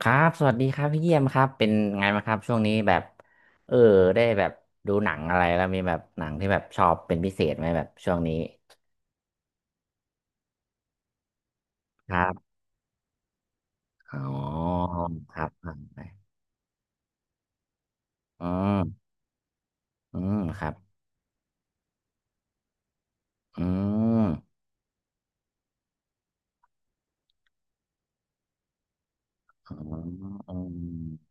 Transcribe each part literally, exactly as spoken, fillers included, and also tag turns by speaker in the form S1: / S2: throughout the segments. S1: ครับสวัสดีครับพี่เยี่ยมครับเป็นไงบ้างครับช่วงนี้แบบเออได้แบบดูหนังอะไรแล้วมีแบบหนังที่แบบชอบเป็นพิเศษไหมแบบช่วงนี้ครับอ๋อครับครับอืมอืมครับอืมอืมอืม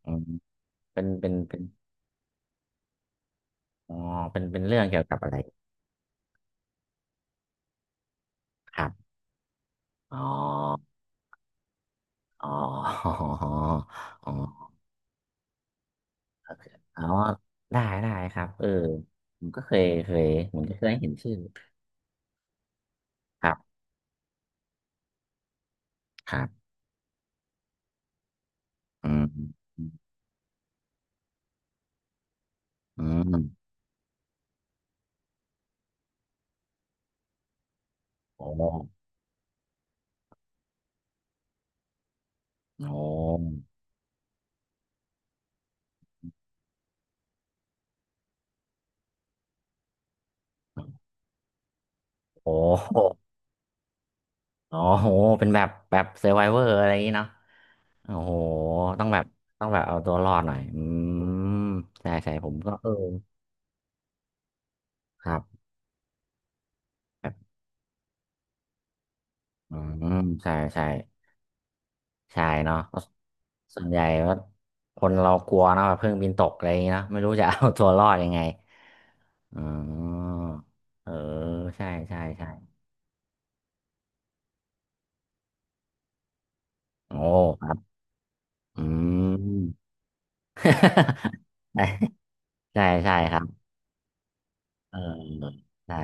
S1: อืมเป็นเป็นเป็นอ๋อเป็นเป็นเรื่องเกี่ยวกับอะไรครับอ๋ออ๋ออ๋ออ๋ออ๋อได้ได้ครับเออผมก็เคยเคยผมก็เคยเห็นชื่อครับ อืมอืมโอ้โหโอ้โอ้อ๋อโหเป็นแบบ แบบเซอร์ไวเวอร์อะไรอย่างนี้เนาะโอ้โหต้องแบบต้องแบบเอาตัวรอดหน่อย อืมใช่ใช่ผมก็เออครับแบบอืมใช่ใช่ใช่เนาะก็ส่วนใหญ่ก็คนเรากลัวเนอะแบบเครื่องบินตกอะไรอย่างนี้เนอะไม่รู้จะเอาตัวรอดยังไงอ๋อเออ ใช่ใช่ใช่โอ้ครับอืม ใช่ใช่ครับเออใช่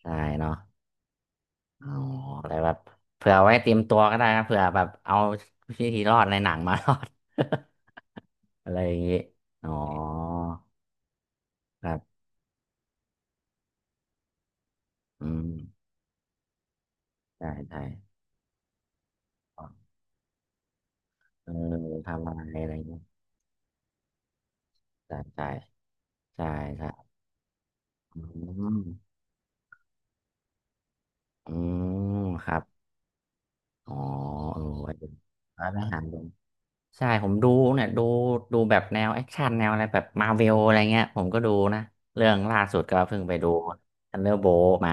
S1: ใช่เนาะอ๋ออะไรแบบเผื่อไว้เตรียมตัวก็ได้นะเผื่อแบบเอาวิธีรอดในหนังมา รอด อะไรอย่างงี้อ๋อครับอืมใช่ใช่เออทำอะไรอะไรอย่างเงี้ยใช่ใช่ใช่ใช่อืมอืมครับอ๋อเออไว้เดี๋ยวไว้ไปหาดู ใช่ผมดูเนี่ยดูดูแบบแนวแอคชั่นแนวอะไรแบบมาเวลอะไรเงี้ยผมก็ดูนะเรื่องล่าสุดก็เพิ่งไปดูทันเดอร์โบมา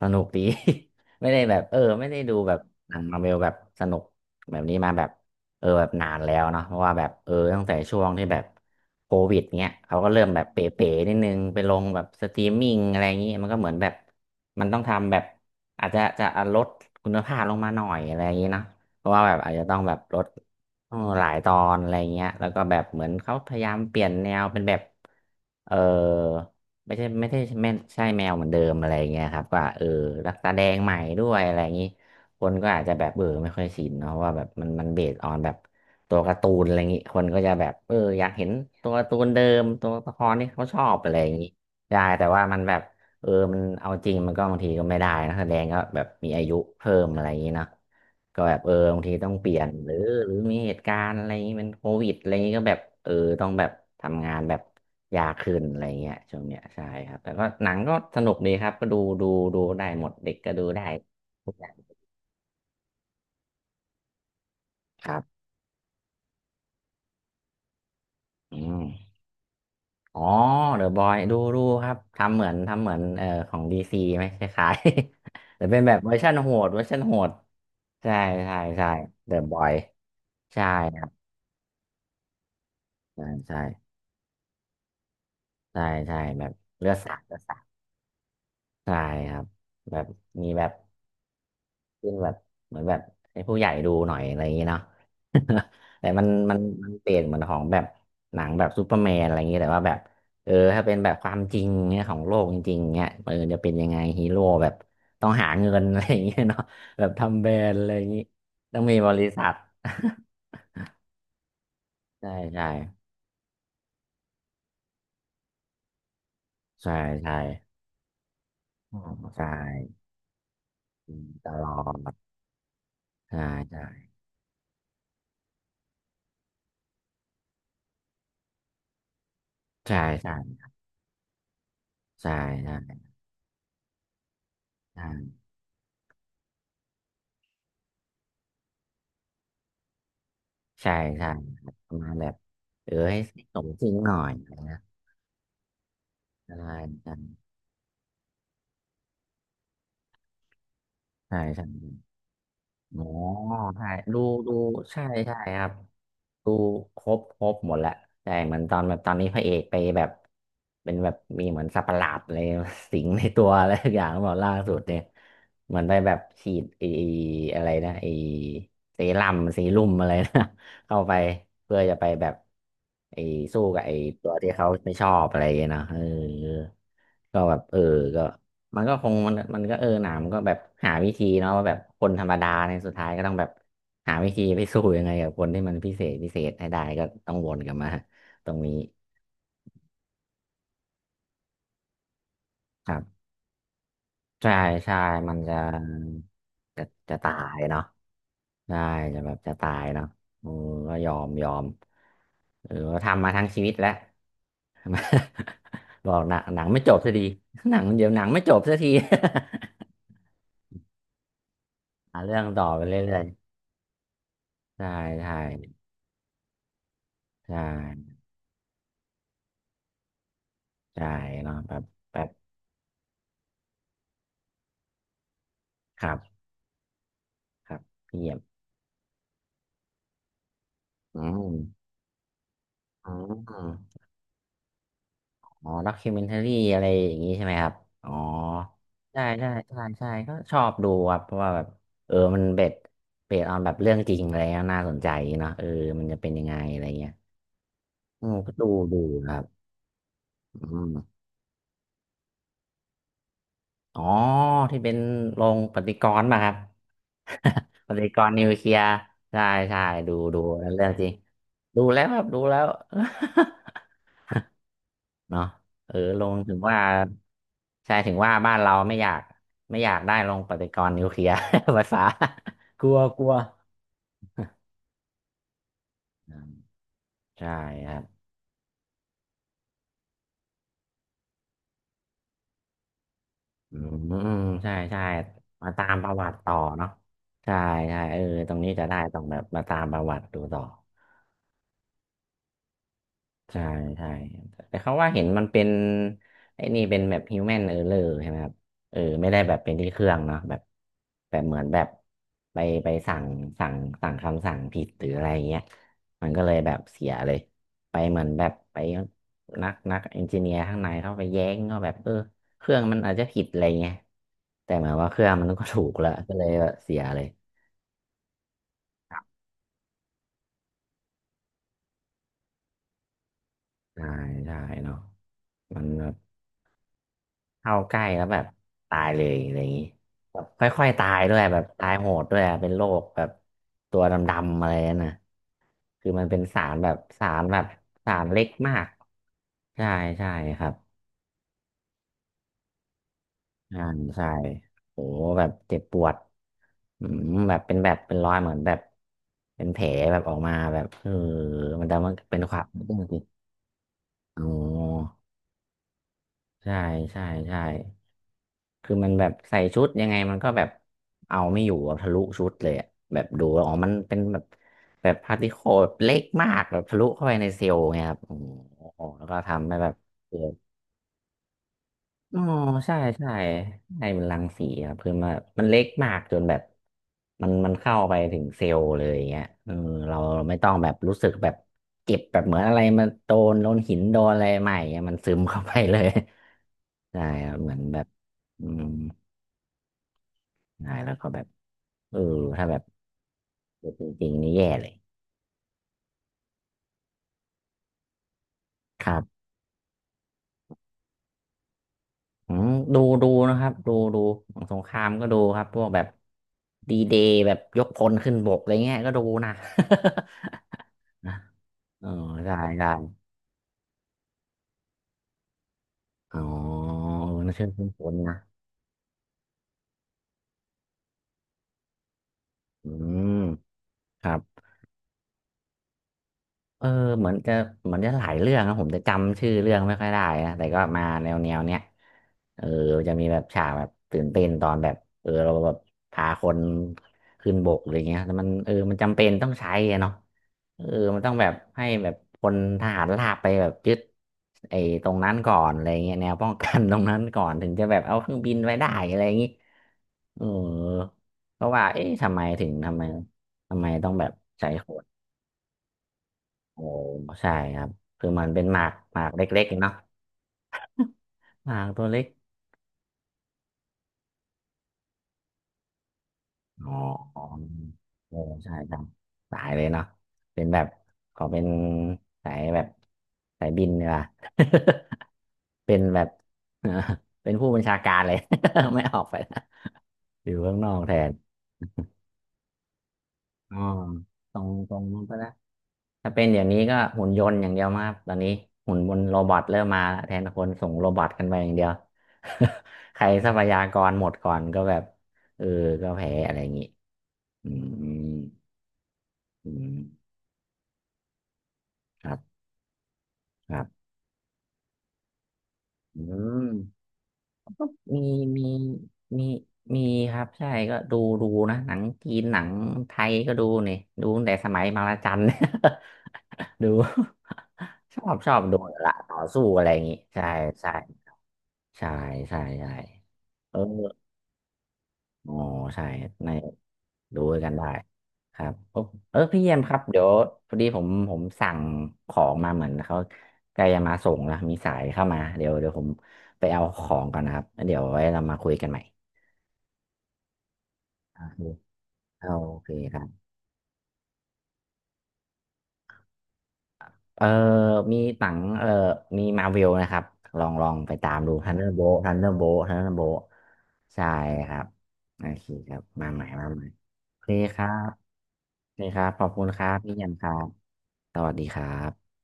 S1: สนุกดี ไม่ได้แบบเออไม่ได้ดูแบบหนังมาเวลแบบสนุกแบบนี้มาแบบเออแบบนานแล้วเนาะเพราะว่าแบบเออตั้งแต่ช่วงที่แบบโควิดเงี้ยเขาก็เริ่มแบบเป๋ๆนิดนึงไปลงแบบสตรีมมิ่งอะไรอย่างงี้มันก็เหมือนแบบมันต้องทำแบบอาจจะจะลดคุณภาพลงมาหน่อยอะไรอย่างงี้เนาะเพราะว่าแบบอาจจะต้องแบบลด โอหลายตอนอะไรเงี้ยแล้วก็แบบเหมือนเขาพยายามเปลี่ยนแนวเป็นแบบเออไม่ใช่ไม่ได้ไม่ใช่แมวเหมือนเดิมอะไรเงี้ยครับก็เออรักตาแดงใหม่ด้วยอะไรอย่างนี้คนก็อาจจะแบบเออไม่ค่อยชินเนาะว่าแบบมันมันเบสออนแบบตัวการ์ตูนอะไรอย่างนี้คนก็จะแบบเอออยากเห็นตัวการ์ตูนเดิมตัวละครที่เขาชอบอะไรอย่างนี้ได้แต่ว่ามันแบบเออมันเอาจริงมันก็บางทีก็ไม่ได้นะแสดงก็แบบมีอายุเพิ่มอะไรอย่างนี้เนาะ ก็แบบเออบางทีต้องเปลี่ยนหรือหรือมีเหตุการณ์อะไรอย่างงี้เป็นโควิดอะไรอย่างงี้ก็แบบเออต้องแบบทำงานแบบยากขึ้นอะไรเงี้ยช่วงเนี้ยใช่ครับแต่ก็หนังก็สนุกดีครับก็ดูดูดูได้หมดเด็กก็ดูได้ทุกอย่างครับอืมอ๋อเดอะบอยดูดูครับทำเหมือนทำเหมือนเอ่อของดีซีไหมคล้ายๆ แต่เป็นแบบเวอร์ชันโหดเวอร์ชันโหดใช่ใช่ใช่เดอะบอยใช่ครับใช่ใช่ใช่ใช่แบบเลือดสาดเลือดสาด ใช่ครับแบบมีแบบขึ้นแบบเหมือนแบบให้ผู้ใหญ่ดูหน่อยอะไรอย่างนี้เนาะ แต่มันมันมันเปลี่ยนเหมือนของแบบหนังแบบซูเปอร์แมนอะไรอย่างนี้แต่ว่าแบบเออถ้าเป็นแบบความจริงเนี่ยของโลกจริงๆเนี่ยเออจะเป็นยังไงฮีโร่แบบต้องหาเงิน อะไรอย่างเงี้ยเนาะแบบทำแบรนด์อะไรอย่างนี้ต้องมีบริษัท ใช่ใช่ใช่ใช่ออใช่ตลอดใช่ใช่ใช่ใช่ใช่ใช่ ใช่ใช่ประมาณแบบเออให้สมจริงหน่อยนะใช่ใช่ใช่ใช่ อ๋อใช่ดูดูใช่ใช่ครับดูครบครบหมดแหละใช่เหมือนตอนแบบตอนนี้พระเอกไปแบบเป็นแบบมีเหมือนสัตว์ประหลาดอะไร สิงในตัวอะไรทุกอย่างหมดล่าสุดเนี่ยเหมือนไปแบบฉีดไออะไรนะไอเซรั่มเซีรุ่มอะไรนะ เข้าไปเพื่อจะไปแบบไอสู้กับไอตัวที่เขาไม่ชอบอะไรอย่างเงี้ยเนาะเออก็แบบเออก็ มันก็คงมันมันก็เออหนามันก็แบบหาวิธีเนาะว่าแบบคนธรรมดาในยสุดท้ายก็ต้องแบบหาวิธีไปสู้ยังไงกับคนที่มันพิเศษพิเศษให้ได้ก็ต้องวนกลับมาตรงนี้ครับใช่ใช่มันจะจะจะตายเนาะใช่จะแบบจะตายเนาะอือก็ยอมยอมเออทำมาทั้งชีวิตแล้ว บอกหนังหนังไม่จบสักทีหนังเดี๋ยวหนังไม่จบสักที หาเรื่องต่อไปเรื่อยๆใช่ใช่ใช่ ใช่เนาะแบบแบบครับครับเยี่ยมอืมอืมอ๋อด็อกิเมนทารี่อะไรอย่างงี้ใช่ไหมครับอ๋อใช่ใช่ใช่ใช่ก็ชอบดูครับเพราะว่าแบบเออมันเบ็ดเบ็ดออนแบบเรื่องจริงอะไรเงี้ยน่าสนใจเนาะเออมันจะเป็นยังไงอะไรเงี้ยอืมก็ดูดูครับอืมอ๋อที่เป็นโรงปฏิกรณ์ป่ะครับ ปฏิกรณ์นิวเคลียร์ใช่ใช่ดูดูเรื่องจริงดูแล้วครับดูแล้ว เนาะเออลงถึงว่าใช่ถึงว่าบ้านเราไม่อยากไม่อยากได้ลงปฏิกรณ์นิวเคลียร์ ภาษา กลัวกลัวอืมใช่ครับอืมอืมใช่ใช่มาตามประวัติต่อเนาะใช่ใช่เออตรงนี้จะได้ต้องแบบมาตามประวัติดูต่อ ใช่ใช่แต่เขาว่าเห็นมันเป็นไอ้นี่เป็นแบบฮิวแมนเออร์เลอร์ใช่ไหมครับเออไม่ได้แบบเป็นที่เครื่องเนาะแบบแบบเหมือนแบบไปไปสั่งสั่งสั่งคำสั่งผิดหรืออะไรเงี้ยมันก็เลยแบบเสียเลยไปเหมือนแบบไปนักนักเอนจิเนียร์ข้างในเข้าไปแย้งก็แบบเออเครื่องมันอาจจะผิดอะไรเงี้ยแต่เหมือนว่าเครื่องมันก็ถูกแล้วก็เลยแบบเสียเลยใช่ใช่เนาะมันแบบ เข้าใกล้แล้วแบบตายเลยอะไรอย่างนี้แบบค่อยๆตายด้วยแบบตายโหดด้วยอะเป็นโรคแบบตัวดำๆอะไรนั่นนะคือมันเป็นสารแบบสารแบบสารเล็กมากใช่ใช่ครับอ่าใช่โหแบบเจ็บปวดอืมแบบเป็นแบบเป็นรอยเหมือนแบบเป็นแผลแบบออกมาแบบเออมันแต่มันเป็นความ จริงอ๋อใช่ใช่ใช่ คือมันแบบใส่ชุดยังไงมันก็แบบเอาไม่อยู่อะทะลุชุดเลยอะแบบดูแล้วอ๋อมันเป็นแบบแบบพาร์ติเคิลเล็กมากแบบทะลุเข้าไปในเซลล์ไงครับโอ้โหแล้วก็ทำให้แบบเกิดอ๋อใช่ใช่ใช่มันรังสีครับคือมันมันเล็กมากจนแบบมันมันเข้าไปถึงเซลล์เลยอย่างเงี้ยเออเราไม่ต้องแบบรู้สึกแบบเจ็บแบบเหมือนอะไรมันโดนโดนหินโดนอะไรใหม่เงี้ยมันซึมเข้าไปเลย ใช่ครับเหมือนแบบอืม ใช่แล้วก็แบบเออถ้าแบบจริงๆนี่แย่เลยครับอืมดูดูนะครับดูดูของสงครามก็ดูครับพวกแบบดีเดย์แบบยกพลขึ้นบกอะไรเงี้ยก็ดูนะ อ๋อได้ได้อ๋อเออน่าชื่นชมคนนะอืมครับ เออเหมือนจะเหมือนจะหลายเรื่องนะผมจะจำชื่อเรื่องไม่ค่อยได้นะแต่ก็มาแนวแนวเนี้ยเออจะมีแบบฉากแบบตื่นเต้นตอนแบบเออเราแบบพาคนขึ้นบกอะไรเงี้ยแต่มันเออมันจำเป็นต้องใช้อะเนาะเออมันต้องแบบให้แบบคนทหารราบไปแบบยึดไอ้ตรงนั้นก่อนอะไรเงี้ยแนวป้องกัน ตรงนั้นก่อนถึงจะแบบเอาเครื่องบินไว้ได้อะไรอย่างงี้เออเพราะว่าเอ๊ะทำไมถึงทำไมทำไมต้องแบบใช้โค โอ้ใช่ครับคือมันเป็นหมากหมากเล็กๆเนาะหมากตัวเล็กอ๋อโอ้ใช่ครับสายเลยเนาะเป็นแบบขอเป็นสายแบบสายบินเนีกว่ย เป็นแบบ เออเป็นผู้บัญชาการเลย ไม่ออกไปนะอยู่ข้างนอกแทนอ๋อตรงตรงนู้นก็ได้ ถ้าเป็นเดี๋ยวนี้ก็หุ่นยนต์อย่างเดียวมากครับตอนนี้หุ่นบนโรบอทเริ่มมาแล้วแทนคนส่งโรบอทกันไปอย่างเดียว ใครทรัพยากรหมดก่อนก็แบบเออก็แพ้อะไรอย่างนี้อืมอืมครับครับอืมก็มีมีมีมีครับใช่ก็ดูดูนะหนังจีนหนังไทยก็ดูนี่ดูตั้งแต่สมัยมาลาจัน ดูชอบชอบดูละต่อสู้อะไรอย่างนี้ใช่ใช่ ใช่ใช่ใช่เอออ๋อใช่ในดูกันได้ครับโอ้เออพี่เยี่ยมครับเดี๋ยวพอดีผมผมสั่งของมาเหมือนเขาใกล้จะมาส่งแล้วมีสายเข้ามาเดี๋ยวเดี๋ยวผมไปเอาของก่อนนะครับแล้วเดี๋ยวไว้เรามาคุยกันใหม่โอเคเอาโอเคครับเออมีหนังเออมีมาเวลนะครับลองลองไปตามดูทันเดอร์โบทันเดอร์โบทันเดอร์โบใช่ครับโอเคครับมาใหม่มาใหม่โอเคครับ นี่ครับ ขอบคุณครับพี่แยมครับ สวัสดีครับ